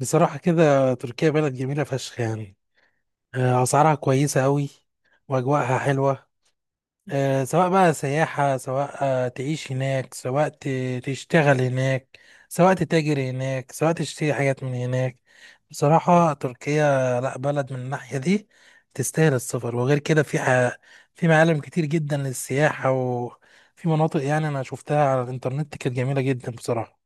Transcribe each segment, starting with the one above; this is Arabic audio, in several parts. بصراحة كده، تركيا بلد جميلة فشخ يعني. أسعارها كويسة أوي، وأجواءها حلوة. سواء بقى سياحة، سواء تعيش هناك، سواء تشتغل هناك، سواء تتاجر هناك، سواء تشتري حاجات من هناك. بصراحة تركيا، لأ، بلد من الناحية دي تستاهل السفر. وغير كده، في معالم كتير جدا للسياحة، وفي مناطق يعني أنا شفتها على الإنترنت كانت جميلة جدا بصراحة.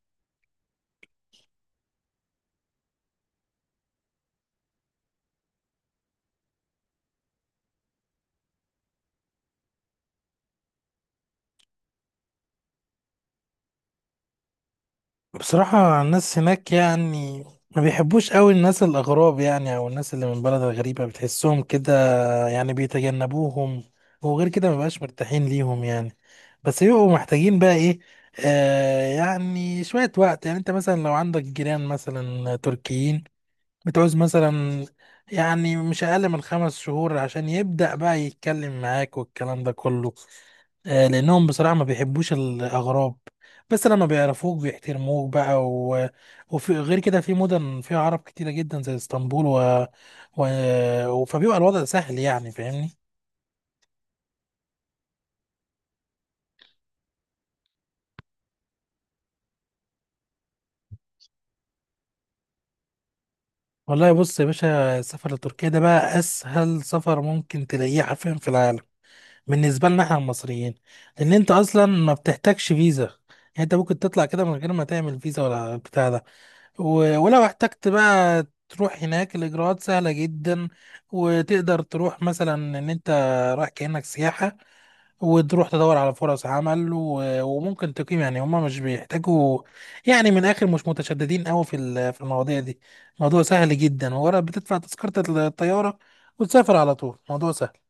بصراحة الناس هناك يعني ما بيحبوش قوي الناس الأغراب، يعني أو الناس اللي من بلد غريبة بتحسهم كده يعني بيتجنبوهم. وغير كده ما بقاش مرتاحين ليهم يعني. بس بيبقوا محتاجين بقى إيه، آه يعني شوية وقت. يعني أنت مثلا لو عندك جيران مثلا تركيين، بتعوز مثلا يعني مش أقل من 5 شهور عشان يبدأ بقى يتكلم معاك والكلام ده كله. لأنهم بصراحة ما بيحبوش الأغراب. بس لما بيعرفوك بيحترموك بقى وفي غير كده في مدن فيها عرب كتيرة جدا زي اسطنبول فبيبقى الوضع سهل يعني فاهمني. والله بص يا باشا، السفر لتركيا ده بقى أسهل سفر ممكن تلاقيه حرفيا في العالم بالنسبة لنا احنا المصريين. لأن أنت أصلا ما بتحتاجش فيزا. يعني أنت ممكن تطلع كده من غير ما تعمل فيزا ولا بتاع ده. ولو احتجت بقى تروح هناك، الإجراءات سهلة جدا. وتقدر تروح مثلا إن أنت رايح كأنك سياحة، وتروح تدور على فرص عمل، وممكن تقيم. يعني هما مش بيحتاجوا، يعني من الآخر مش متشددين أوي في المواضيع دي. موضوع سهل جدا، ورا بتدفع تذكرة الطيارة وتسافر على طول. موضوع سهل.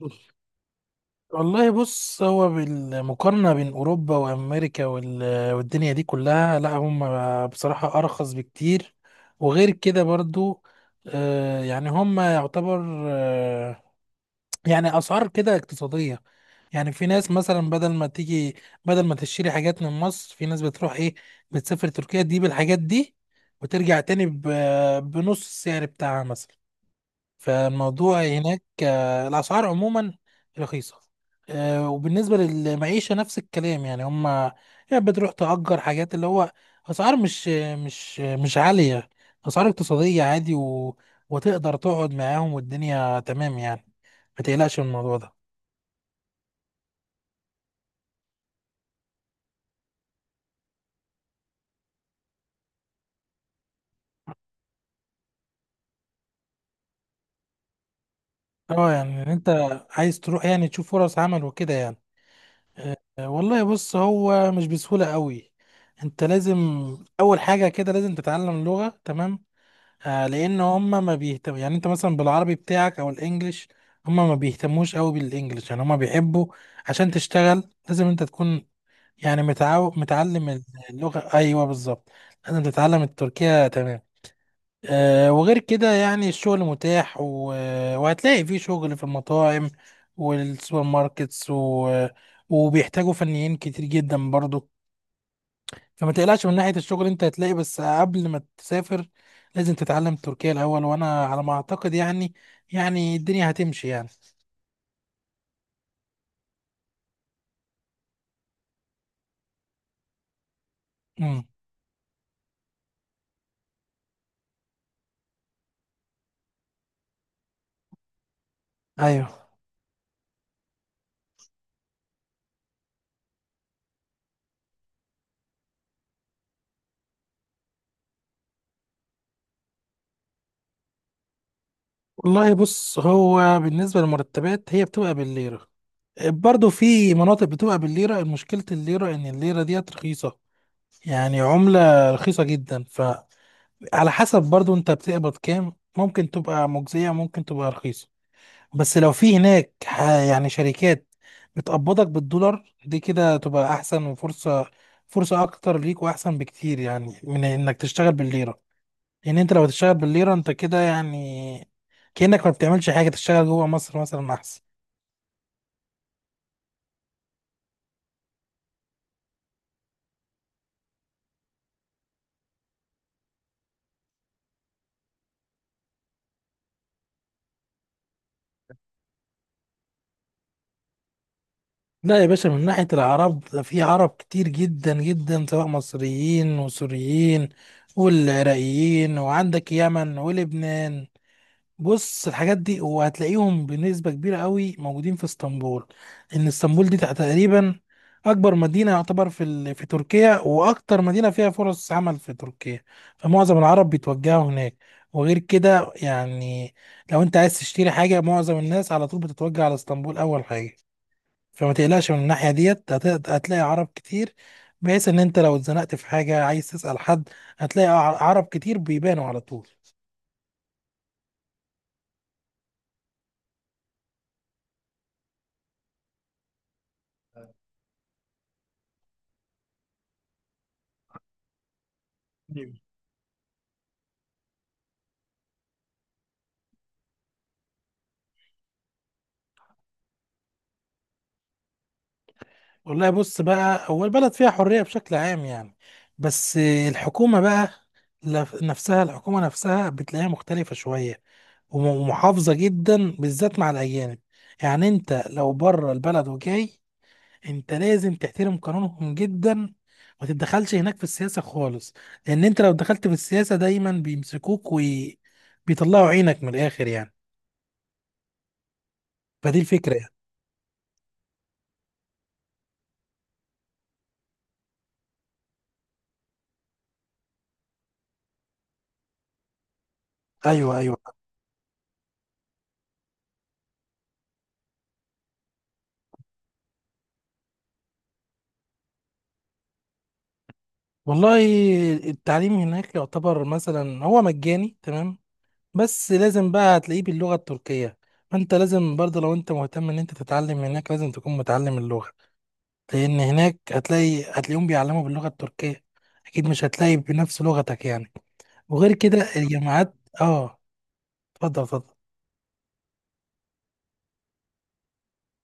مم. والله بص، هو بالمقارنة بين أوروبا وأمريكا والدنيا دي كلها، لا هم بصراحة أرخص بكتير. وغير كده برضو، يعني هم يعتبر، آه، يعني أسعار كده اقتصادية. يعني في ناس مثلا بدل ما تيجي، بدل ما تشتري حاجات من مصر، في ناس بتروح إيه، بتسافر تركيا تجيب الحاجات دي وترجع تاني بنص السعر بتاعها مثلا. فالموضوع هناك الأسعار عموما رخيصة. وبالنسبة للمعيشة نفس الكلام. يعني هما يعني بتروح تأجر حاجات، اللي هو أسعار مش عالية، أسعار اقتصادية عادي وتقدر تقعد معاهم والدنيا تمام يعني. ما تقلقش من الموضوع ده. اه يعني إن انت عايز تروح يعني تشوف فرص عمل وكده يعني. والله بص هو مش بسهولة قوي. انت لازم اول حاجة كده لازم تتعلم اللغة تمام. آه لان هم ما بيهتم، يعني انت مثلا بالعربي بتاعك او الانجليش هم ما بيهتموش قوي بالانجليش. يعني هم بيحبوا عشان تشتغل لازم انت تكون يعني متعلم اللغة، ايوه بالظبط. لازم تتعلم التركية تمام. وغير كده يعني الشغل متاح وهتلاقي فيه شغل في المطاعم والسوبر ماركتس وبيحتاجوا فنيين كتير جدا برضو. فما تقلقش من ناحية الشغل، انت هتلاقي. بس قبل ما تسافر لازم تتعلم تركيا الأول، وأنا على ما أعتقد يعني، يعني الدنيا هتمشي يعني. امم أيوه. والله بص هو بالنسبة للمرتبات هي بتبقى بالليرة. برضه في مناطق بتبقى بالليرة. مشكلة الليرة إن الليرة ديت رخيصة، يعني عملة رخيصة جدا. فعلى حسب برضه انت بتقبض كام، ممكن تبقى مجزية، ممكن تبقى رخيصة. بس لو في هناك يعني شركات بتقبضك بالدولار، دي كده تبقى احسن. وفرصة اكتر ليك واحسن بكتير يعني من انك تشتغل بالليرة. لان انت لو تشتغل بالليرة انت كده يعني كأنك ما بتعملش حاجة. تشتغل جوه مصر مثلا احسن. لا يا باشا، من ناحية العرب، ده في عرب كتير جدا جدا، سواء مصريين وسوريين والعراقيين، وعندك يمن ولبنان. بص الحاجات دي، وهتلاقيهم بنسبة كبيرة قوي موجودين في اسطنبول. ان اسطنبول دي تقريبا اكبر مدينة يعتبر في تركيا، واكتر مدينة فيها فرص عمل في تركيا. فمعظم العرب بيتوجهوا هناك. وغير كده يعني لو انت عايز تشتري حاجة، معظم الناس على طول بتتوجه على اسطنبول اول حاجة. فما تقلقش من الناحية ديت، هتلاقي عرب كتير، بحيث ان انت لو اتزنقت في حاجة، عايز تسأل حد، هتلاقي عرب كتير بيبانوا على طول. والله بص بقى، هو البلد فيها حرية بشكل عام يعني. بس الحكومة بقى، نفسها الحكومة نفسها بتلاقيها مختلفة شوية، ومحافظة جدا بالذات مع الأجانب. يعني أنت لو بره البلد وجاي، أنت لازم تحترم قانونهم جدا. ما تتدخلش هناك في السياسة خالص، لأن أنت لو دخلت في السياسة دايما بيمسكوك وبيطلعوا عينك من الآخر يعني. فدي الفكرة يعني. أيوه، أيوه. والله التعليم هناك يعتبر مثلا هو مجاني تمام. بس لازم بقى هتلاقيه باللغة التركية. فانت لازم برضه لو انت مهتم ان انت تتعلم هناك لازم تكون متعلم اللغة. لان هناك هتلاقيهم بيعلموا باللغة التركية، اكيد مش هتلاقي بنفس لغتك يعني. وغير كده الجامعات، اه، اتفضل اتفضل.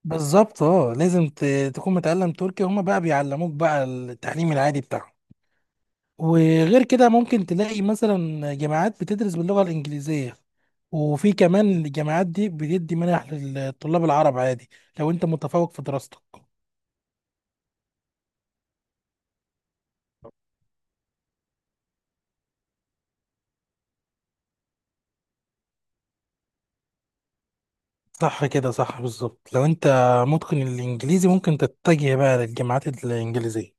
بالظبط، اه لازم تكون متعلم تركي. هما بقى بيعلموك بقى التعليم العادي بتاعهم. وغير كده ممكن تلاقي مثلا جامعات بتدرس باللغة الإنجليزية، وفي كمان الجامعات دي بتدي منح للطلاب العرب عادي، لو انت متفوق في دراستك. صح كده، صح بالظبط. لو انت متقن الانجليزي ممكن تتجه بقى للجامعات الانجليزيه.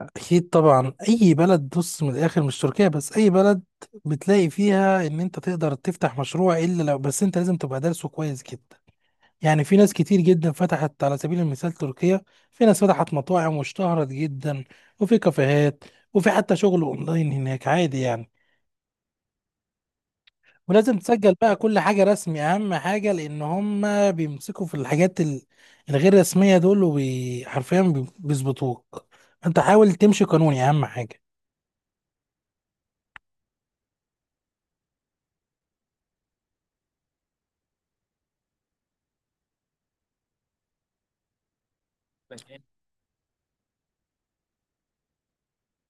اكيد طبعا، اي بلد بص من الاخر، مش تركيا بس، اي بلد بتلاقي فيها ان انت تقدر تفتح مشروع. الا لو بس انت لازم تبقى دارسه كويس كده. يعني في ناس كتير جدا فتحت على سبيل المثال تركيا. في ناس فتحت مطاعم واشتهرت جدا، وفي كافيهات، وفي حتى شغل اونلاين هناك عادي يعني. ولازم تسجل بقى كل حاجة رسمي، اهم حاجة. لان هم بيمسكوا في الحاجات الغير رسمية دول، وحرفيا بيظبطوك. انت حاول تمشي قانوني، اهم حاجة.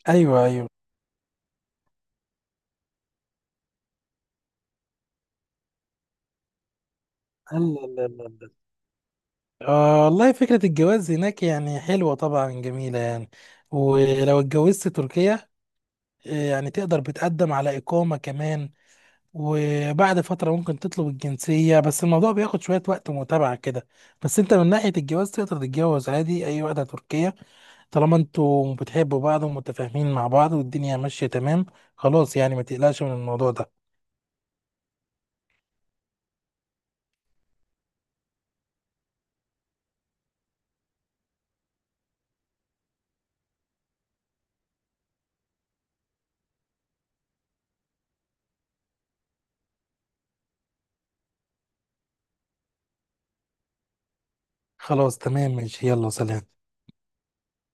ايوه، ايوه. الله الله الله الله. والله فكرة الجواز هناك يعني حلوة طبعا، جميلة يعني. ولو اتجوزت تركيا يعني تقدر بتقدم على إقامة كمان، وبعد فترة ممكن تطلب الجنسية. بس الموضوع بياخد شوية وقت متابعة كده. بس انت من ناحية الجواز تقدر تتجوز عادي أي واحدة تركية، طالما انتوا بتحبوا بعض ومتفاهمين مع بعض والدنيا ماشية تمام. خلاص يعني ما تقلقش من الموضوع ده. خلاص تمام، ماشي، يلا سلام.